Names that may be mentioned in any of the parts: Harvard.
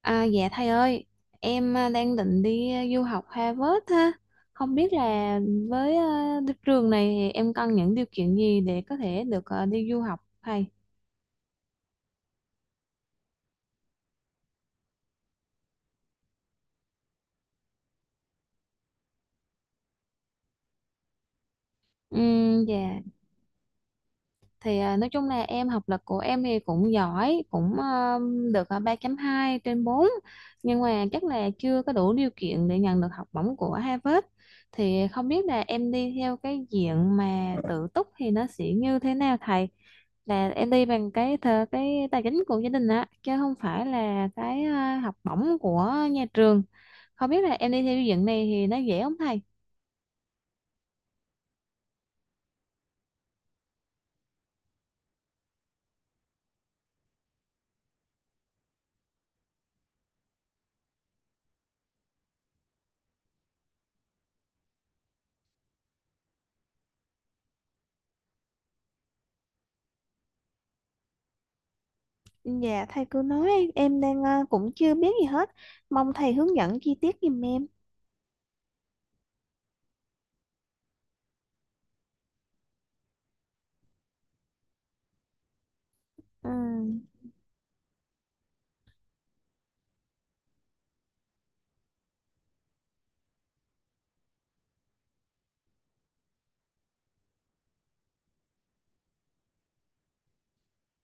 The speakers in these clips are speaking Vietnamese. À, dạ thầy ơi, đang định đi du học Harvard ha. Không biết là với đức trường này thì em cần những điều kiện gì để có thể được đi du học thầy? Dạ, nói chung là em học lực của em thì cũng giỏi, cũng được 3.2/4. Nhưng mà chắc là chưa có đủ điều kiện để nhận được học bổng của Harvard. Thì không biết là em đi theo cái diện mà tự túc thì nó sẽ như thế nào thầy? Là em đi bằng cái thờ cái tài chính của gia đình á chứ không phải là cái học bổng của nhà trường. Không biết là em đi theo xây dựng này thì nó dễ không thầy? Dạ thầy cứ nói, em đang cũng chưa biết gì hết. Mong thầy hướng dẫn chi tiết giùm em. Ừ.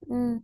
Ừ.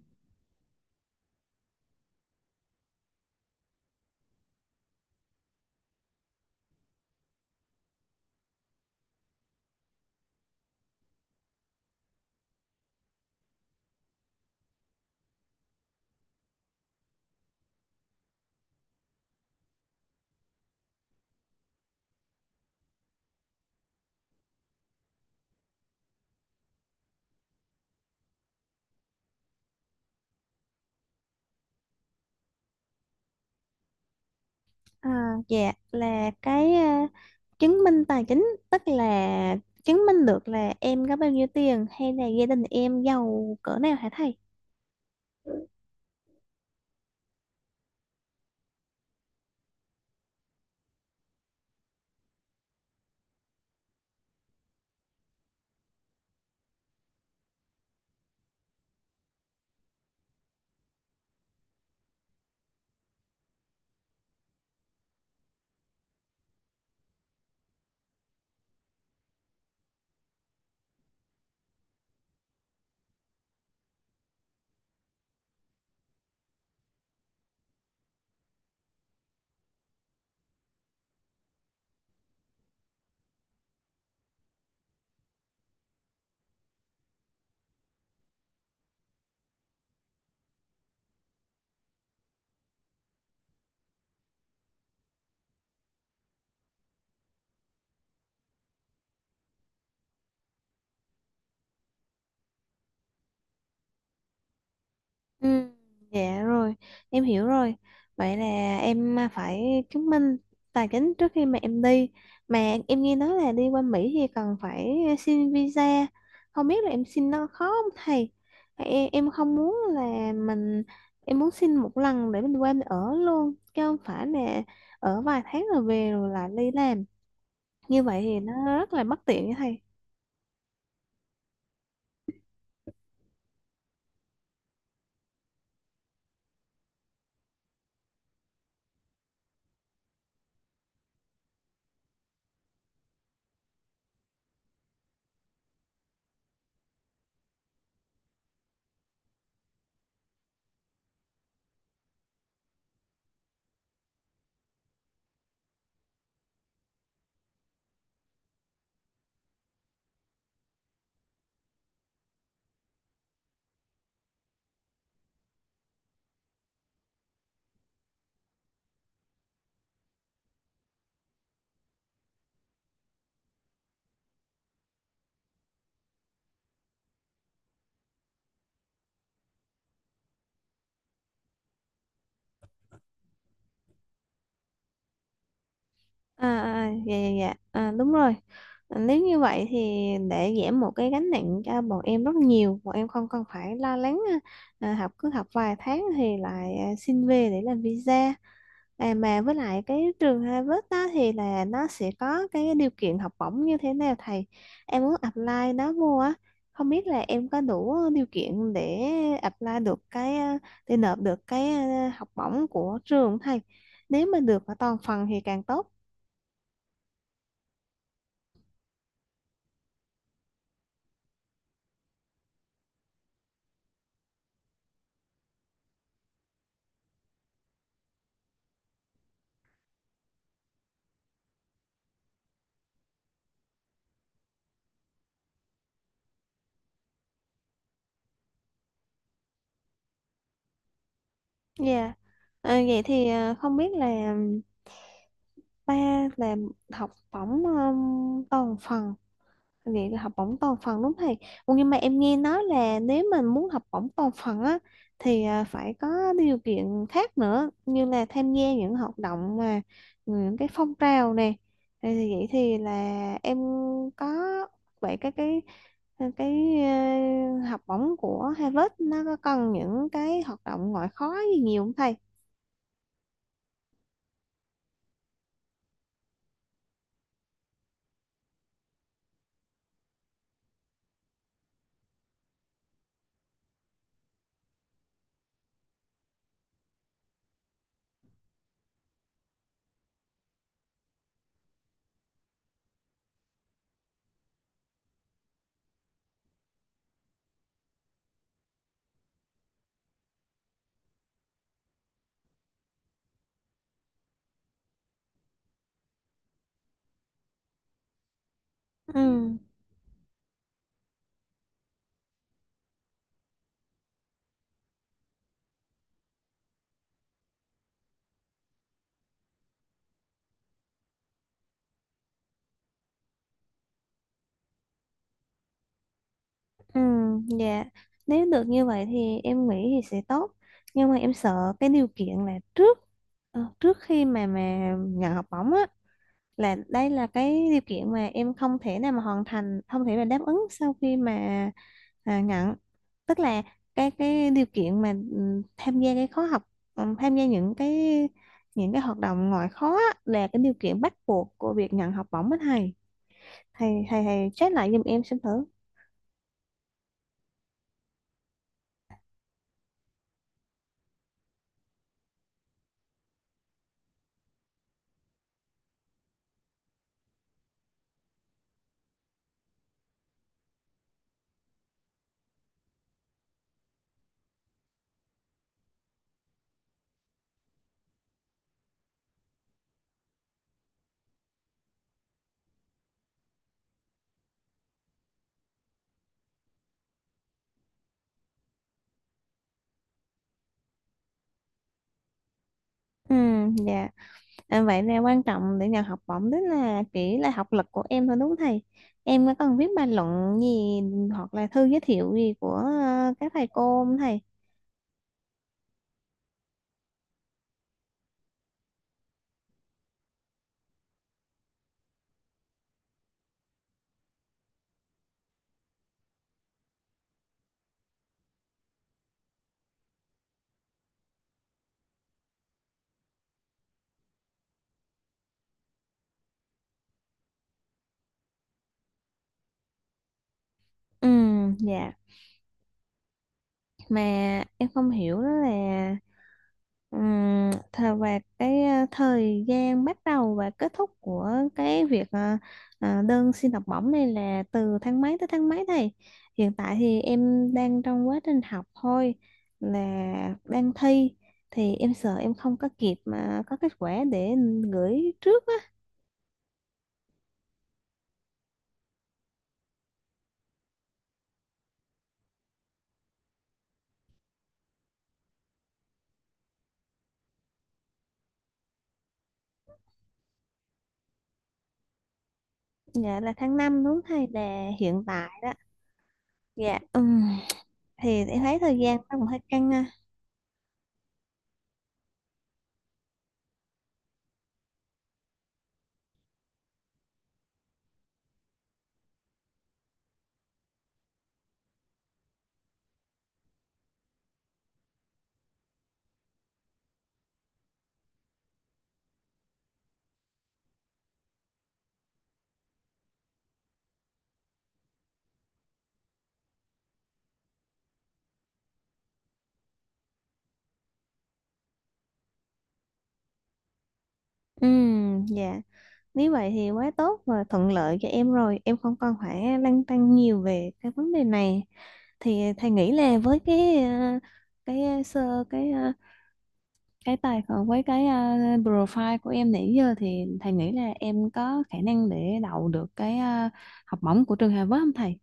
À, dạ là chứng minh tài chính tức là chứng minh được là em có bao nhiêu tiền hay là gia đình em giàu cỡ nào hả thầy? Ừ, dạ rồi, em hiểu rồi. Vậy là em phải chứng minh tài chính trước khi mà em đi. Mà em nghe nói là đi qua Mỹ thì cần phải xin visa. Không biết là em xin nó khó không thầy? Em không muốn là mình, em muốn xin một lần để mình qua mình ở luôn, chứ không phải là ở vài tháng rồi về rồi lại đi làm. Như vậy thì nó rất là bất tiện với thầy. Dạ dạ dạ, đúng rồi. Nếu như vậy thì để giảm một cái gánh nặng cho bọn em rất nhiều, bọn em không cần phải lo lắng, học cứ học vài tháng thì lại xin về để làm visa. Mà với lại cái trường Harvard đó thì là nó sẽ có cái điều kiện học bổng như thế nào thầy? Em muốn apply nó vô á, không biết là em có đủ điều kiện để apply được để nộp được học bổng của trường không thầy? Nếu mà được ở toàn phần thì càng tốt. Dạ. Ờ, vậy thì ờ, không biết là ba là học bổng toàn phần, vậy là học bổng toàn phần đúng không thầy? Ủa, nhưng mà em nghe nói là nếu mình muốn học bổng toàn phần á thì phải có điều kiện khác nữa như là tham gia những hoạt động mà những cái phong trào này thì vậy thì là em có vậy cái học bổng của Harvard nó có cần những cái hoạt động ngoại khóa gì nhiều không thầy? Ừ, ừ, dạ. Nếu được như vậy thì em nghĩ thì sẽ tốt. Nhưng mà em sợ cái điều kiện là trước trước khi mà nhận học bổng á, là đây là cái điều kiện mà em không thể nào mà hoàn thành, không thể mà đáp ứng sau khi mà nhận. Tức là cái điều kiện mà tham gia cái khóa học, tham gia những cái hoạt động ngoại khóa á, là cái điều kiện bắt buộc của việc nhận học bổng á thầy. Thầy check lại giùm em xem thử. Ừ, dạ. À, vậy nè quan trọng để nhận học bổng tức là chỉ là học lực của em thôi đúng không thầy? Em có cần viết bài luận gì hoặc là thư giới thiệu gì của các thầy cô không thầy? Ừ, dạ. Mà em không hiểu đó là thời và thời gian bắt đầu và kết thúc của cái việc đơn xin học bổng này là từ tháng mấy tới tháng mấy thầy? Hiện tại thì em đang trong quá trình học thôi, là đang thi, thì em sợ em không có kịp mà có kết quả để gửi trước á. Dạ là tháng 5 đúng thầy, là hiện tại đó. Dạ thì em thấy thời gian nó cũng hơi căng ha. Dạ. Nếu vậy thì quá tốt và thuận lợi cho em rồi. Em không còn phải lăn tăn nhiều về cái vấn đề này. Thì thầy nghĩ là với cái ờ, sơ cái ờ, cái tài khoản với profile của em nãy giờ, thì thầy nghĩ là em có khả năng để đậu được học bổng của trường Harvard không thầy?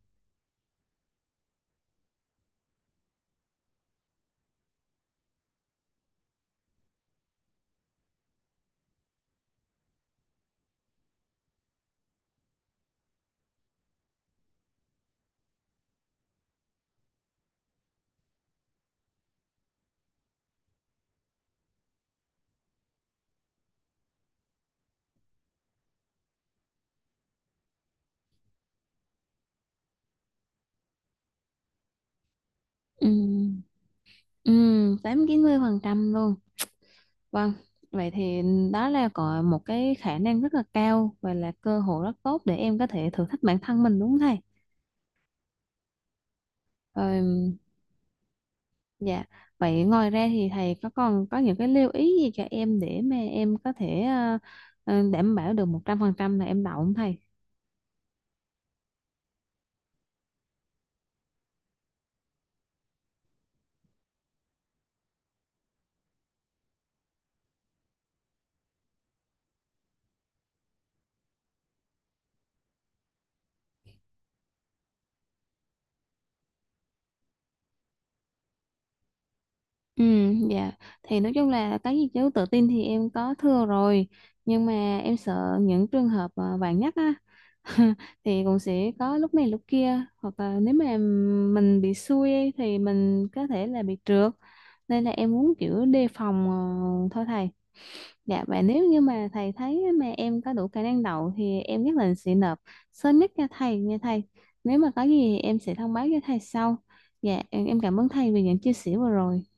Ừ, ừ, 80-90% luôn. Vâng, vậy thì đó là có một cái khả năng rất là cao và là cơ hội rất tốt để em có thể thử thách bản thân mình đúng không thầy? Rồi. Dạ, vậy ngoài ra thì thầy có còn có những cái lưu ý gì cho em để mà em có thể đảm bảo được 100% là em đậu không thầy? Ừ, dạ, thì nói chung là cái gì chứ tự tin thì em có thưa rồi, nhưng mà em sợ những trường hợp vạn nhất á, thì cũng sẽ có lúc này lúc kia, hoặc là nếu mà mình bị xui ấy, thì mình có thể là bị trượt, nên là em muốn kiểu đề phòng thôi thầy. Dạ và nếu như mà thầy thấy mà em có đủ khả năng đậu thì em nhất định sẽ nộp sớm nhất cho thầy nha thầy. Nếu mà có gì thì em sẽ thông báo cho thầy sau. Dạ em cảm ơn thầy vì những chia sẻ vừa rồi.